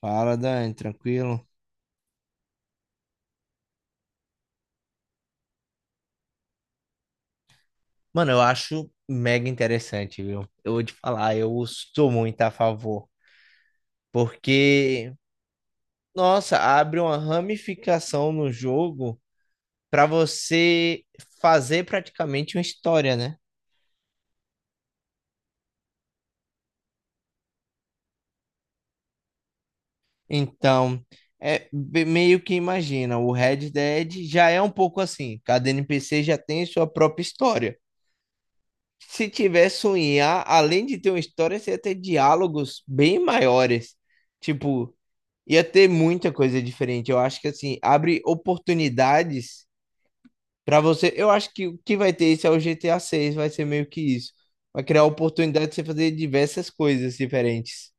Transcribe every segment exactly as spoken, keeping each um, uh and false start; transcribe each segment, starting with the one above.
Fala, Dani, tranquilo? Mano, eu acho mega interessante, viu? Eu vou te falar, eu sou muito a favor. Porque, nossa, abre uma ramificação no jogo pra você fazer praticamente uma história, né? Então, é be- meio que imagina, o Red Dead já é um pouco assim. Cada N P C já tem sua própria história. Se tivesse um I A, além de ter uma história, você ia ter diálogos bem maiores. Tipo. Ia ter muita coisa diferente. Eu acho que assim, abre oportunidades pra você. Eu acho que o que vai ter isso é o G T A seis vai ser meio que isso. Vai criar oportunidade de você fazer diversas coisas diferentes.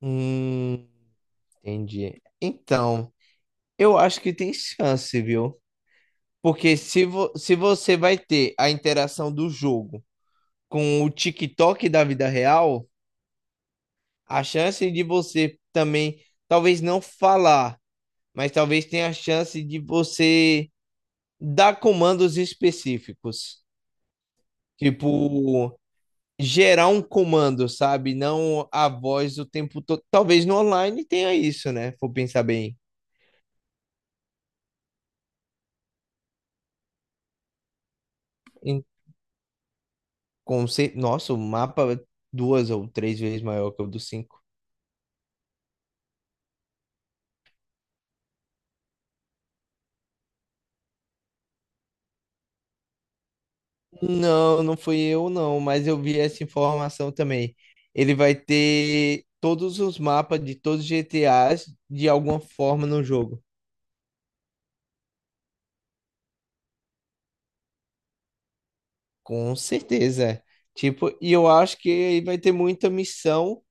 Hum, entendi. Então, eu acho que tem chance, viu? Porque se, vo se você vai ter a interação do jogo com o TikTok da vida real, a chance de você também, talvez não falar, mas talvez tenha a chance de você dar comandos específicos. Tipo, gerar um comando, sabe? Não a voz o tempo todo. Talvez no online tenha isso, né? Vou pensar bem. Em conce... Nossa, o mapa é duas ou três vezes maior que o do cinco. Não, não fui eu, não, mas eu vi essa informação também. Ele vai ter todos os mapas de todos os G T As de alguma forma no jogo. Com certeza. É. Tipo, e eu acho que ele vai ter muita missão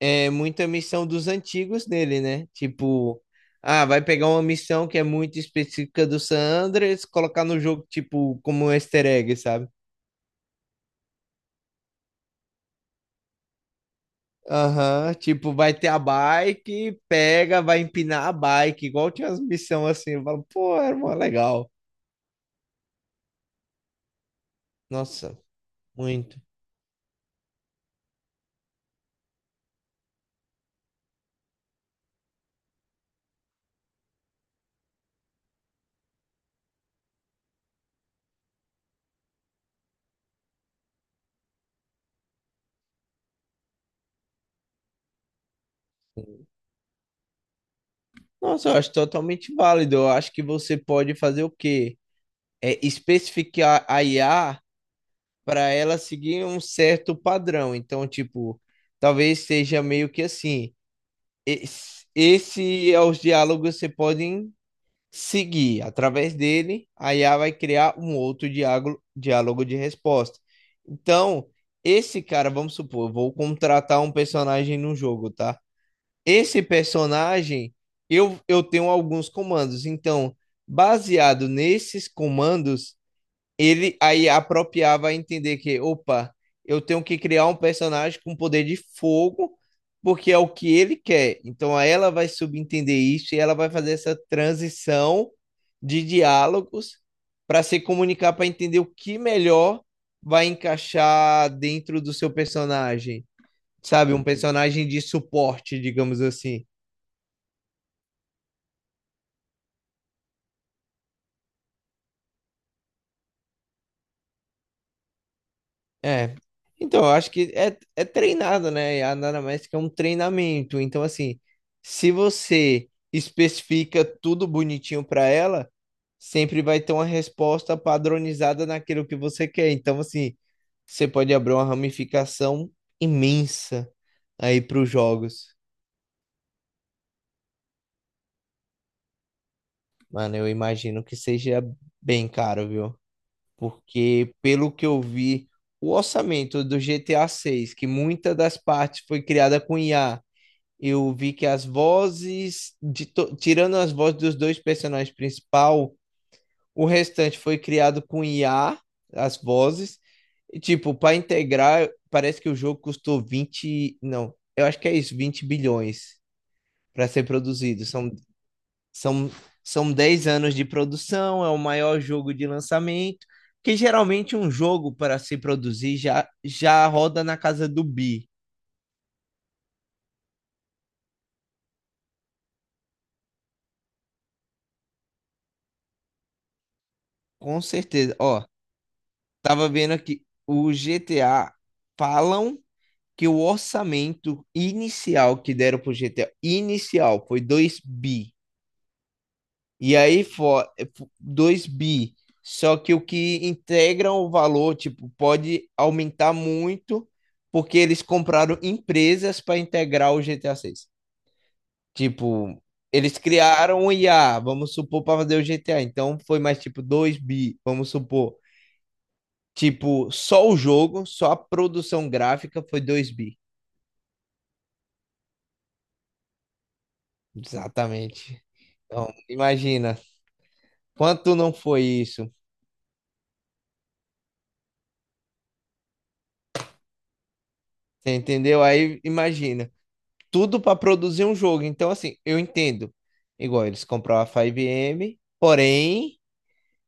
é muita missão dos antigos nele, né? Tipo, ah, vai pegar uma missão que é muito específica do San Andreas, colocar no jogo, tipo, como um easter egg, sabe? Aham, tipo, vai ter a bike, pega, vai empinar a bike, igual tinha as missões assim. Eu falo, pô, era mó legal. Nossa, muito. Nossa, eu acho totalmente válido. Eu acho que você pode fazer o quê? É especificar a I A para ela seguir um certo padrão. Então, tipo, talvez seja meio que assim, es- esse é os diálogos que você podem seguir através dele, a I A vai criar um outro diálogo, diálogo de resposta. Então, esse cara, vamos supor, eu vou contratar um personagem no jogo, tá? Esse personagem, eu, eu tenho alguns comandos. Então, baseado nesses comandos, ele aí apropriava a vai entender que, opa, eu tenho que criar um personagem com poder de fogo, porque é o que ele quer. Então aí ela vai subentender isso e ela vai fazer essa transição de diálogos para se comunicar, para entender o que melhor vai encaixar dentro do seu personagem, sabe? Um personagem de suporte, digamos assim. É. Então, eu acho que é, é treinado, né? E a anamnésica é um treinamento. Então, assim, se você especifica tudo bonitinho para ela, sempre vai ter uma resposta padronizada naquilo que você quer. Então, assim, você pode abrir uma ramificação imensa aí para os jogos. Mano, eu imagino que seja bem caro, viu? Porque, pelo que eu vi, o orçamento do G T A seis, que muita das partes foi criada com I A, eu vi que as vozes, de to- tirando as vozes dos dois personagens principal, o restante foi criado com I A, as vozes. E, tipo, para integrar, parece que o jogo custou vinte, não, eu acho que é isso, vinte bilhões para ser produzido. São, são, são dez anos de produção, é o maior jogo de lançamento. Que geralmente um jogo para se produzir já, já roda na casa do bi, com certeza. Ó, tava vendo aqui, o G T A falam que o orçamento inicial que deram pro G T A, inicial, foi dois bi. E aí foi dois bi. Só que o que integram o valor, tipo, pode aumentar muito, porque eles compraram empresas para integrar o G T A seis. Tipo, eles criaram o I A, vamos supor, para fazer o G T A. Então foi mais tipo dois bi, vamos supor. Tipo, só o jogo, só a produção gráfica foi dois bi. Exatamente. Então, imagina, quanto não foi isso? Você entendeu? Aí, imagina, tudo para produzir um jogo. Então, assim, eu entendo. Igual eles compraram a cinco M, porém,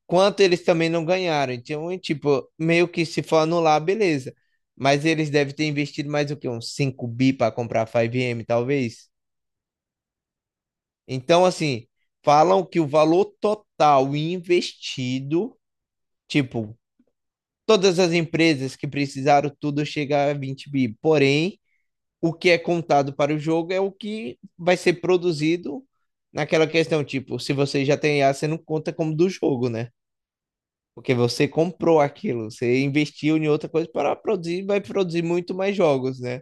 quanto eles também não ganharam. Então, é tipo, meio que se for anular, beleza. Mas eles devem ter investido mais o quê? Uns cinco bi para comprar a cinco M, talvez? Então, assim, falam que o valor total investido, tipo, todas as empresas que precisaram tudo chega a vinte bi. Porém, o que é contado para o jogo é o que vai ser produzido naquela questão, tipo, se você já tem I A, você não conta como do jogo, né? Porque você comprou aquilo, você investiu em outra coisa para produzir, vai produzir muito mais jogos, né?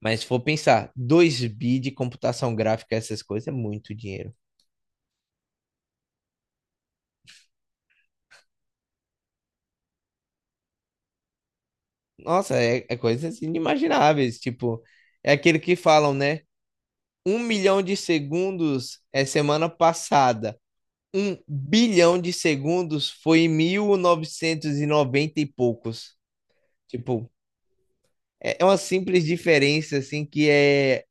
Mas se for pensar, dois bi de computação gráfica, essas coisas, é muito dinheiro. Nossa, é, é coisas inimagináveis. Tipo, é aquele que falam, né? Um milhão de segundos é semana passada. Um bilhão de segundos foi em mil novecentos e noventa e noventa e poucos. Tipo, é é uma simples diferença, assim, que é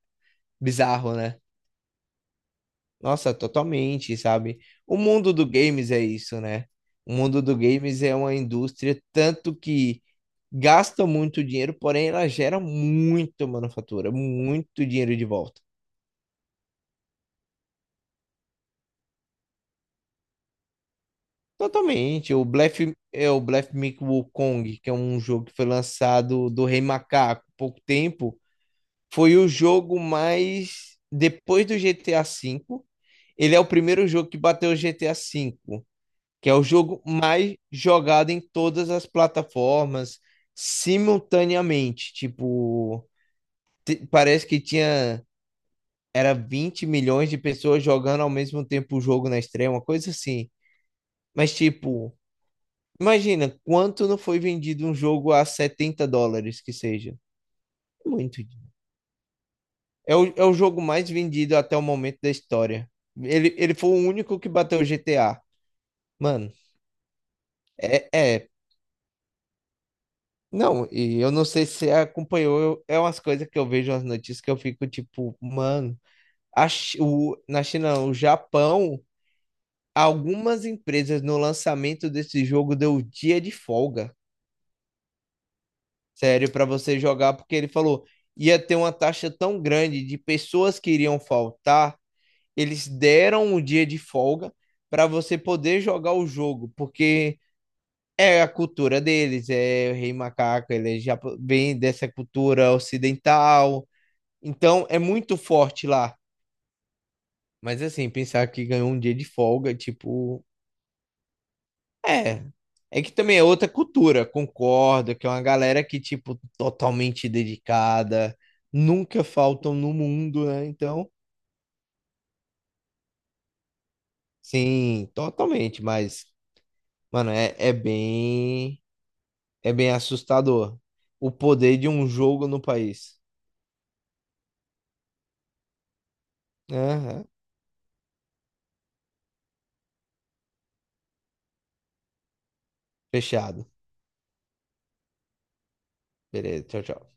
bizarro, né? Nossa, totalmente, sabe? O mundo do games é isso, né? O mundo do games é uma indústria tanto que gasta muito dinheiro, porém ela gera muito manufatura, muito dinheiro de volta. Totalmente. O Bluff, é o Bluff Meet Wukong, que é um jogo que foi lançado do Rei Macaco há pouco tempo, foi o jogo mais depois do G T A vê V. Ele é o primeiro jogo que bateu o G T A vê V, que é o jogo mais jogado em todas as plataformas simultaneamente. Tipo, te- parece que tinha, era vinte milhões de pessoas jogando ao mesmo tempo o jogo na estreia, uma coisa assim. Mas, tipo, imagina quanto não foi vendido um jogo a setenta dólares que seja. Muito. É o, é o jogo mais vendido até o momento da história. Ele, ele foi o único que bateu o G T A. Mano, é, é Não, e eu não sei se você acompanhou, eu- é umas coisas que eu vejo nas notícias que eu fico tipo, mano, a, Chi- o, na China, não, o Japão, algumas empresas no lançamento desse jogo deu dia de folga, sério, pra você jogar, porque ele falou, ia ter uma taxa tão grande de pessoas que iriam faltar, eles deram um dia de folga pra você poder jogar o jogo, porque é a cultura deles, é o Rei Macaco, ele é japo- bem dessa cultura ocidental. Então é muito forte lá. Mas assim, pensar que ganhou um dia de folga, tipo, é. É que também é outra cultura, concordo, que é uma galera que, tipo, totalmente dedicada, nunca faltam no mundo, né? Então, sim, totalmente, mas, mano, é, é bem, é bem assustador o poder de um jogo no país. Aham. Fechado. Beleza, tchau, tchau.